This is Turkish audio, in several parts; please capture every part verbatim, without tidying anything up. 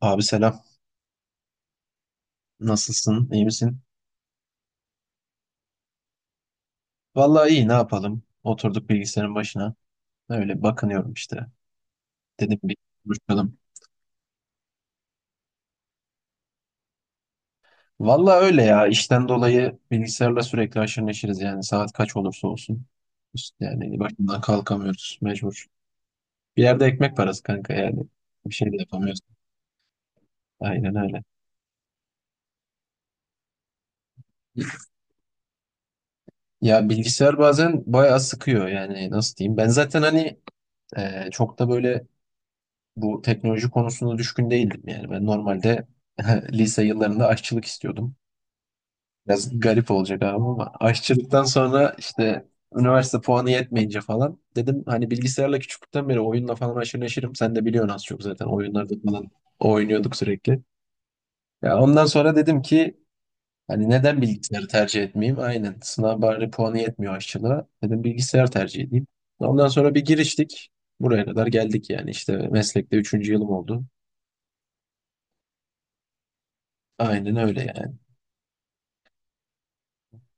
Abi selam. Nasılsın? İyi misin? Vallahi iyi ne yapalım? Oturduk bilgisayarın başına. Öyle bakınıyorum işte. Dedim bir konuşalım. Vallahi öyle ya. İşten dolayı bilgisayarla sürekli haşır neşiriz yani. Saat kaç olursa olsun. İşte yani başından kalkamıyoruz. Mecbur. Bir yerde ekmek parası kanka yani. Bir şey de yapamıyoruz. Aynen öyle. Ya bilgisayar bazen bayağı sıkıyor yani nasıl diyeyim. Ben zaten hani e, çok da böyle bu teknoloji konusunda düşkün değildim yani. Ben normalde lise yıllarında aşçılık istiyordum. Biraz garip olacak abi ama aşçılıktan sonra işte üniversite puanı yetmeyince falan dedim hani bilgisayarla küçüklükten beri oyunla falan aşırı neşirim. Sen de biliyorsun az çok zaten oyunlarda falan oynuyorduk sürekli. Ya ondan sonra dedim ki hani neden bilgisayarı tercih etmeyeyim? Aynen sınav bari puanı yetmiyor aşçılığa. Dedim bilgisayar tercih edeyim. Ondan sonra bir giriştik. Buraya kadar geldik yani işte meslekte üçüncü yılım oldu. Aynen öyle yani.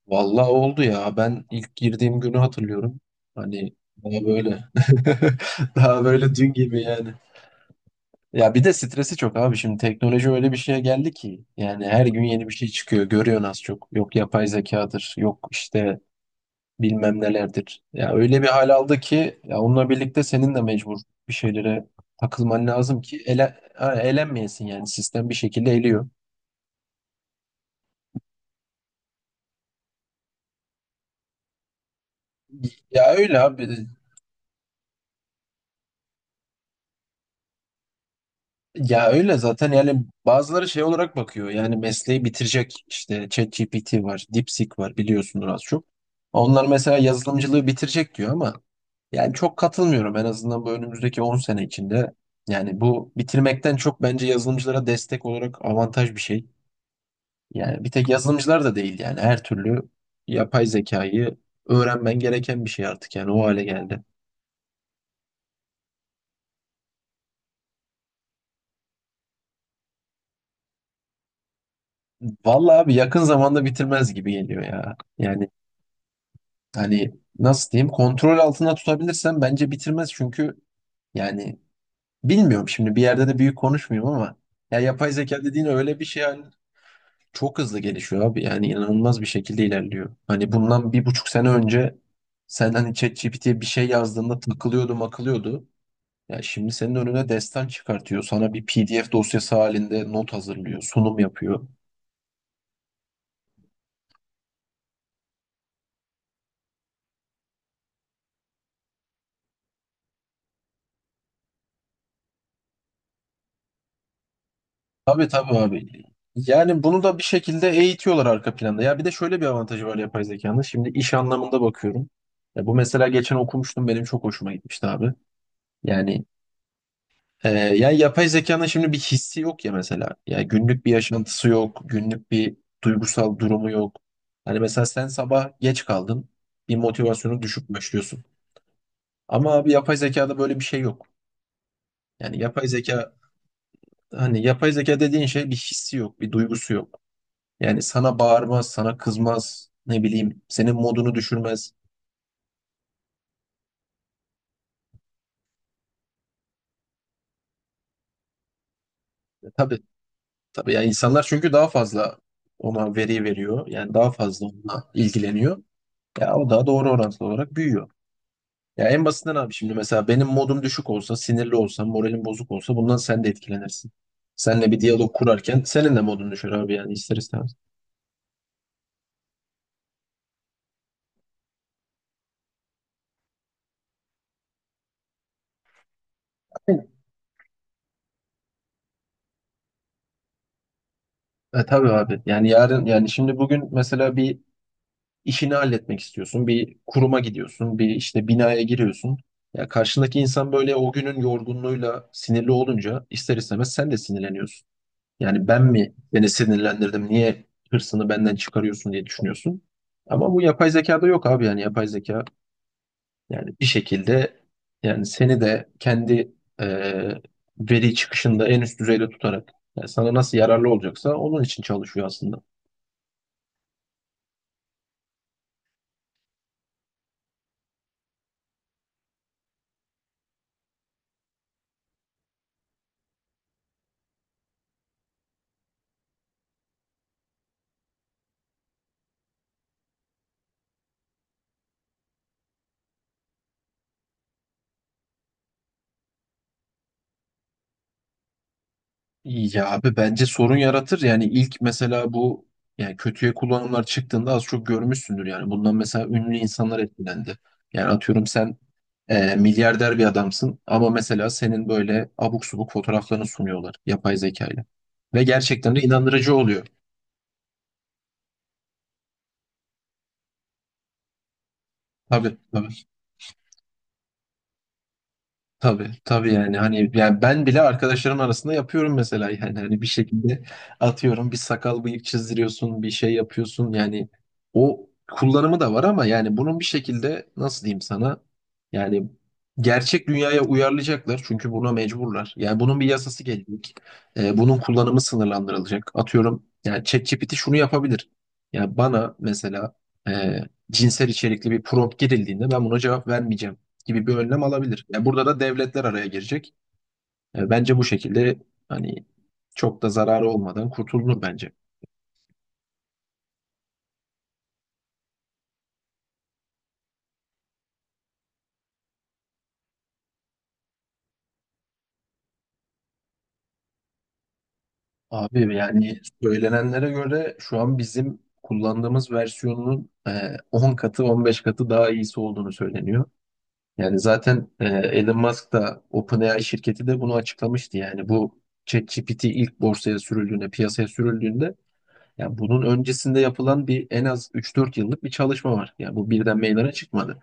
Vallahi oldu ya. Ben ilk girdiğim günü hatırlıyorum. Hani daha böyle. Daha böyle dün gibi yani. Ya bir de stresi çok abi. Şimdi teknoloji öyle bir şeye geldi ki. Yani her gün yeni bir şey çıkıyor. Görüyorsun az çok. Yok yapay zekadır. Yok işte bilmem nelerdir. Ya öyle bir hal aldı ki ya onunla birlikte senin de mecbur bir şeylere takılman lazım ki ele, ha, elenmeyesin yani. Sistem bir şekilde eliyor. Ya öyle abi. Ya öyle zaten yani bazıları şey olarak bakıyor yani mesleği bitirecek işte ChatGPT var, DeepSeek var biliyorsundur az çok. Onlar mesela yazılımcılığı bitirecek diyor ama yani çok katılmıyorum en azından bu önümüzdeki on sene içinde. Yani bu bitirmekten çok bence yazılımcılara destek olarak avantaj bir şey. Yani bir tek yazılımcılar da değil yani her türlü yapay zekayı öğrenmen gereken bir şey artık yani o hale geldi. Vallahi abi yakın zamanda bitirmez gibi geliyor ya. Yani Hani nasıl diyeyim kontrol altında tutabilirsem bence bitirmez çünkü yani bilmiyorum şimdi bir yerde de büyük konuşmuyorum ama ya yapay zeka dediğin öyle bir şey hani çok hızlı gelişiyor abi yani inanılmaz bir şekilde ilerliyor. Hani bundan bir buçuk sene önce sen hani ChatGPT'ye bir şey yazdığında takılıyordu makılıyordu. Ya şimdi senin önüne destan çıkartıyor. Sana bir P D F dosyası halinde not hazırlıyor, sunum yapıyor. Tabii tabii abi. Yani bunu da bir şekilde eğitiyorlar arka planda. Ya bir de şöyle bir avantajı var yapay zekanın. Şimdi iş anlamında bakıyorum. Ya bu mesela geçen okumuştum benim çok hoşuma gitmişti abi. Yani e, ya yapay zekanın şimdi bir hissi yok ya mesela. Ya günlük bir yaşantısı yok, günlük bir duygusal durumu yok. Hani mesela sen sabah geç kaldın, bir motivasyonu düşük başlıyorsun. Ama abi yapay zekada böyle bir şey yok. Yani yapay zeka hani yapay zeka dediğin şey bir hissi yok, bir duygusu yok. Yani sana bağırmaz, sana kızmaz, ne bileyim, senin modunu düşürmez. E, tabii, tabii. Yani insanlar çünkü daha fazla ona veri veriyor. Yani daha fazla onunla ilgileniyor. Ya o da doğru orantılı olarak büyüyor. Ya en basitinden abi şimdi mesela benim modum düşük olsa, sinirli olsam, moralim bozuk olsa bundan sen de etkilenirsin. Seninle bir diyalog kurarken senin de modun düşer abi yani ister istemez. Aynen. E tabii abi. Yani yarın yani şimdi bugün mesela bir işini halletmek istiyorsun. Bir kuruma gidiyorsun, bir işte binaya giriyorsun. Ya karşındaki insan böyle o günün yorgunluğuyla sinirli olunca ister istemez sen de sinirleniyorsun. Yani ben mi beni sinirlendirdim, niye hırsını benden çıkarıyorsun diye düşünüyorsun. Ama bu yapay zekada yok abi yani yapay zeka yani bir şekilde yani seni de kendi e, veri çıkışında en üst düzeyde tutarak yani sana nasıl yararlı olacaksa onun için çalışıyor aslında. Ya abi bence sorun yaratır. Yani ilk mesela bu yani kötüye kullanımlar çıktığında az çok görmüşsündür. Yani bundan mesela ünlü insanlar etkilendi. Yani atıyorum sen e, milyarder bir adamsın ama mesela senin böyle abuk subuk fotoğraflarını sunuyorlar yapay zekayla. Ve gerçekten de inandırıcı oluyor. Tabii tabii. Tabii tabii yani hani yani ben bile arkadaşlarım arasında yapıyorum mesela yani hani bir şekilde atıyorum bir sakal bıyık çizdiriyorsun bir şey yapıyorsun yani o kullanımı da var ama yani bunun bir şekilde nasıl diyeyim sana yani gerçek dünyaya uyarlayacaklar çünkü buna mecburlar yani bunun bir yasası gelecek. Ee, bunun kullanımı sınırlandırılacak atıyorum yani ChatGPT şunu yapabilir yani bana mesela e, cinsel içerikli bir prompt girildiğinde ben buna cevap vermeyeceğim gibi bir önlem alabilir. Yani burada da devletler araya girecek. E, bence bu şekilde hani çok da zararı olmadan kurtulunur bence. Abi yani söylenenlere göre şu an bizim kullandığımız versiyonunun e, on katı on beş katı daha iyisi olduğunu söyleniyor. Yani zaten e, Elon Musk da OpenAI şirketi de bunu açıklamıştı. Yani bu ChatGPT ilk borsaya sürüldüğünde, piyasaya sürüldüğünde yani bunun öncesinde yapılan bir en az üç dört yıllık bir çalışma var. Yani bu birden meydana çıkmadı.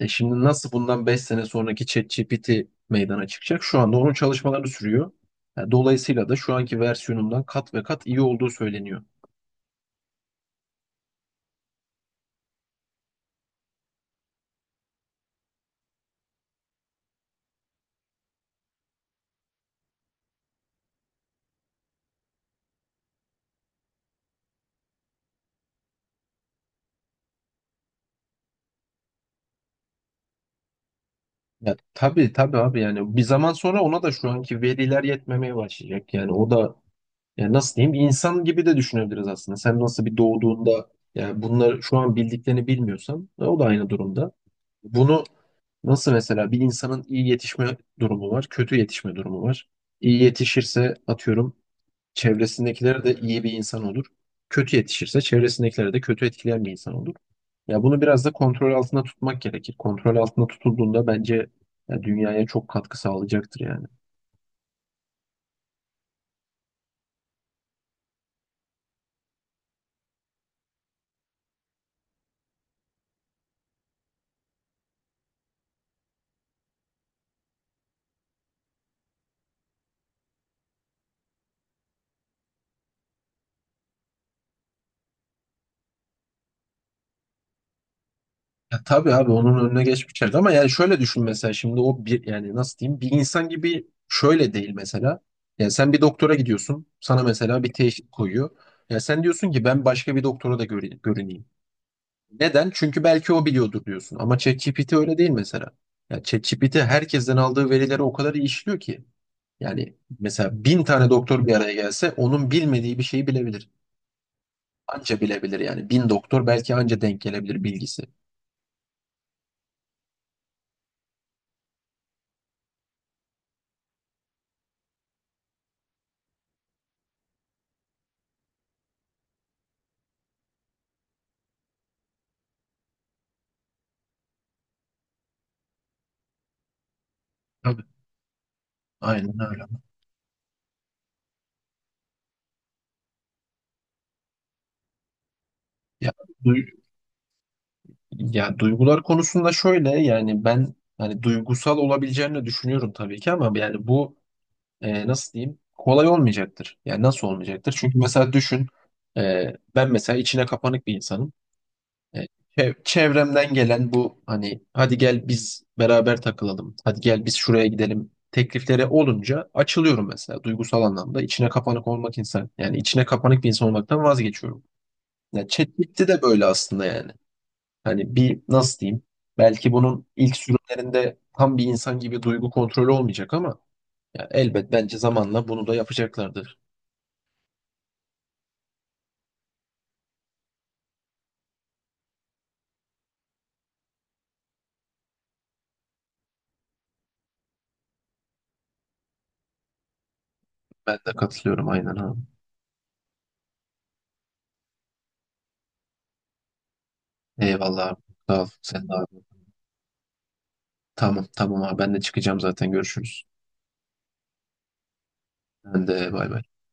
E şimdi nasıl bundan beş sene sonraki ChatGPT meydana çıkacak? Şu anda onun çalışmaları sürüyor. Yani dolayısıyla da şu anki versiyonundan kat ve kat iyi olduğu söyleniyor. Ya tabii tabii abi yani bir zaman sonra ona da şu anki veriler yetmemeye başlayacak. Yani o da Yani nasıl diyeyim? İnsan gibi de düşünebiliriz aslında. Sen nasıl bir doğduğunda yani bunları şu an bildiklerini bilmiyorsan e, o da aynı durumda. Bunu nasıl mesela bir insanın iyi yetişme durumu var, kötü yetişme durumu var. İyi yetişirse atıyorum çevresindekiler de iyi bir insan olur. Kötü yetişirse çevresindekileri de kötü etkileyen bir insan olur. Ya bunu biraz da kontrol altında tutmak gerekir. Kontrol altında tutulduğunda bence ya, dünyaya çok katkı sağlayacaktır yani. Ya tabii abi onun önüne geçmişler ama yani şöyle düşün mesela şimdi o bir yani nasıl diyeyim bir insan gibi şöyle değil mesela. Yani sen bir doktora gidiyorsun sana mesela bir teşhis koyuyor. Ya sen diyorsun ki ben başka bir doktora da göre- görüneyim. Neden? Çünkü belki o biliyordur diyorsun ama ChatGPT öyle değil mesela. Ya ChatGPT herkesten aldığı verileri o kadar iyi işliyor ki. Yani mesela bin tane doktor bir araya gelse onun bilmediği bir şeyi bilebilir. Anca bilebilir yani bin doktor belki anca denk gelebilir bilgisi. Tabii, aynen öyle. Ya, duy- ya duygular konusunda şöyle yani ben hani duygusal olabileceğini düşünüyorum tabii ki ama yani bu e, nasıl diyeyim kolay olmayacaktır. Yani nasıl olmayacaktır? Çünkü mesela düşün e, ben mesela içine kapanık bir insanım. E, çev- Çevremden gelen bu hani hadi gel biz beraber takılalım, hadi gel biz şuraya gidelim tekliflere olunca açılıyorum mesela duygusal anlamda. İçine kapanık olmak insan yani içine kapanık bir insan olmaktan vazgeçiyorum. Ya ChatGPT de böyle aslında yani. Hani bir nasıl diyeyim? Belki bunun ilk sürümlerinde tam bir insan gibi duygu kontrolü olmayacak ama ya elbet bence zamanla bunu da yapacaklardır. Ben de katılıyorum aynen abi. Eyvallah abi. Sağ ol. Sen de abi. Tamam tamam abi ben de çıkacağım zaten görüşürüz. Ben de bay bay.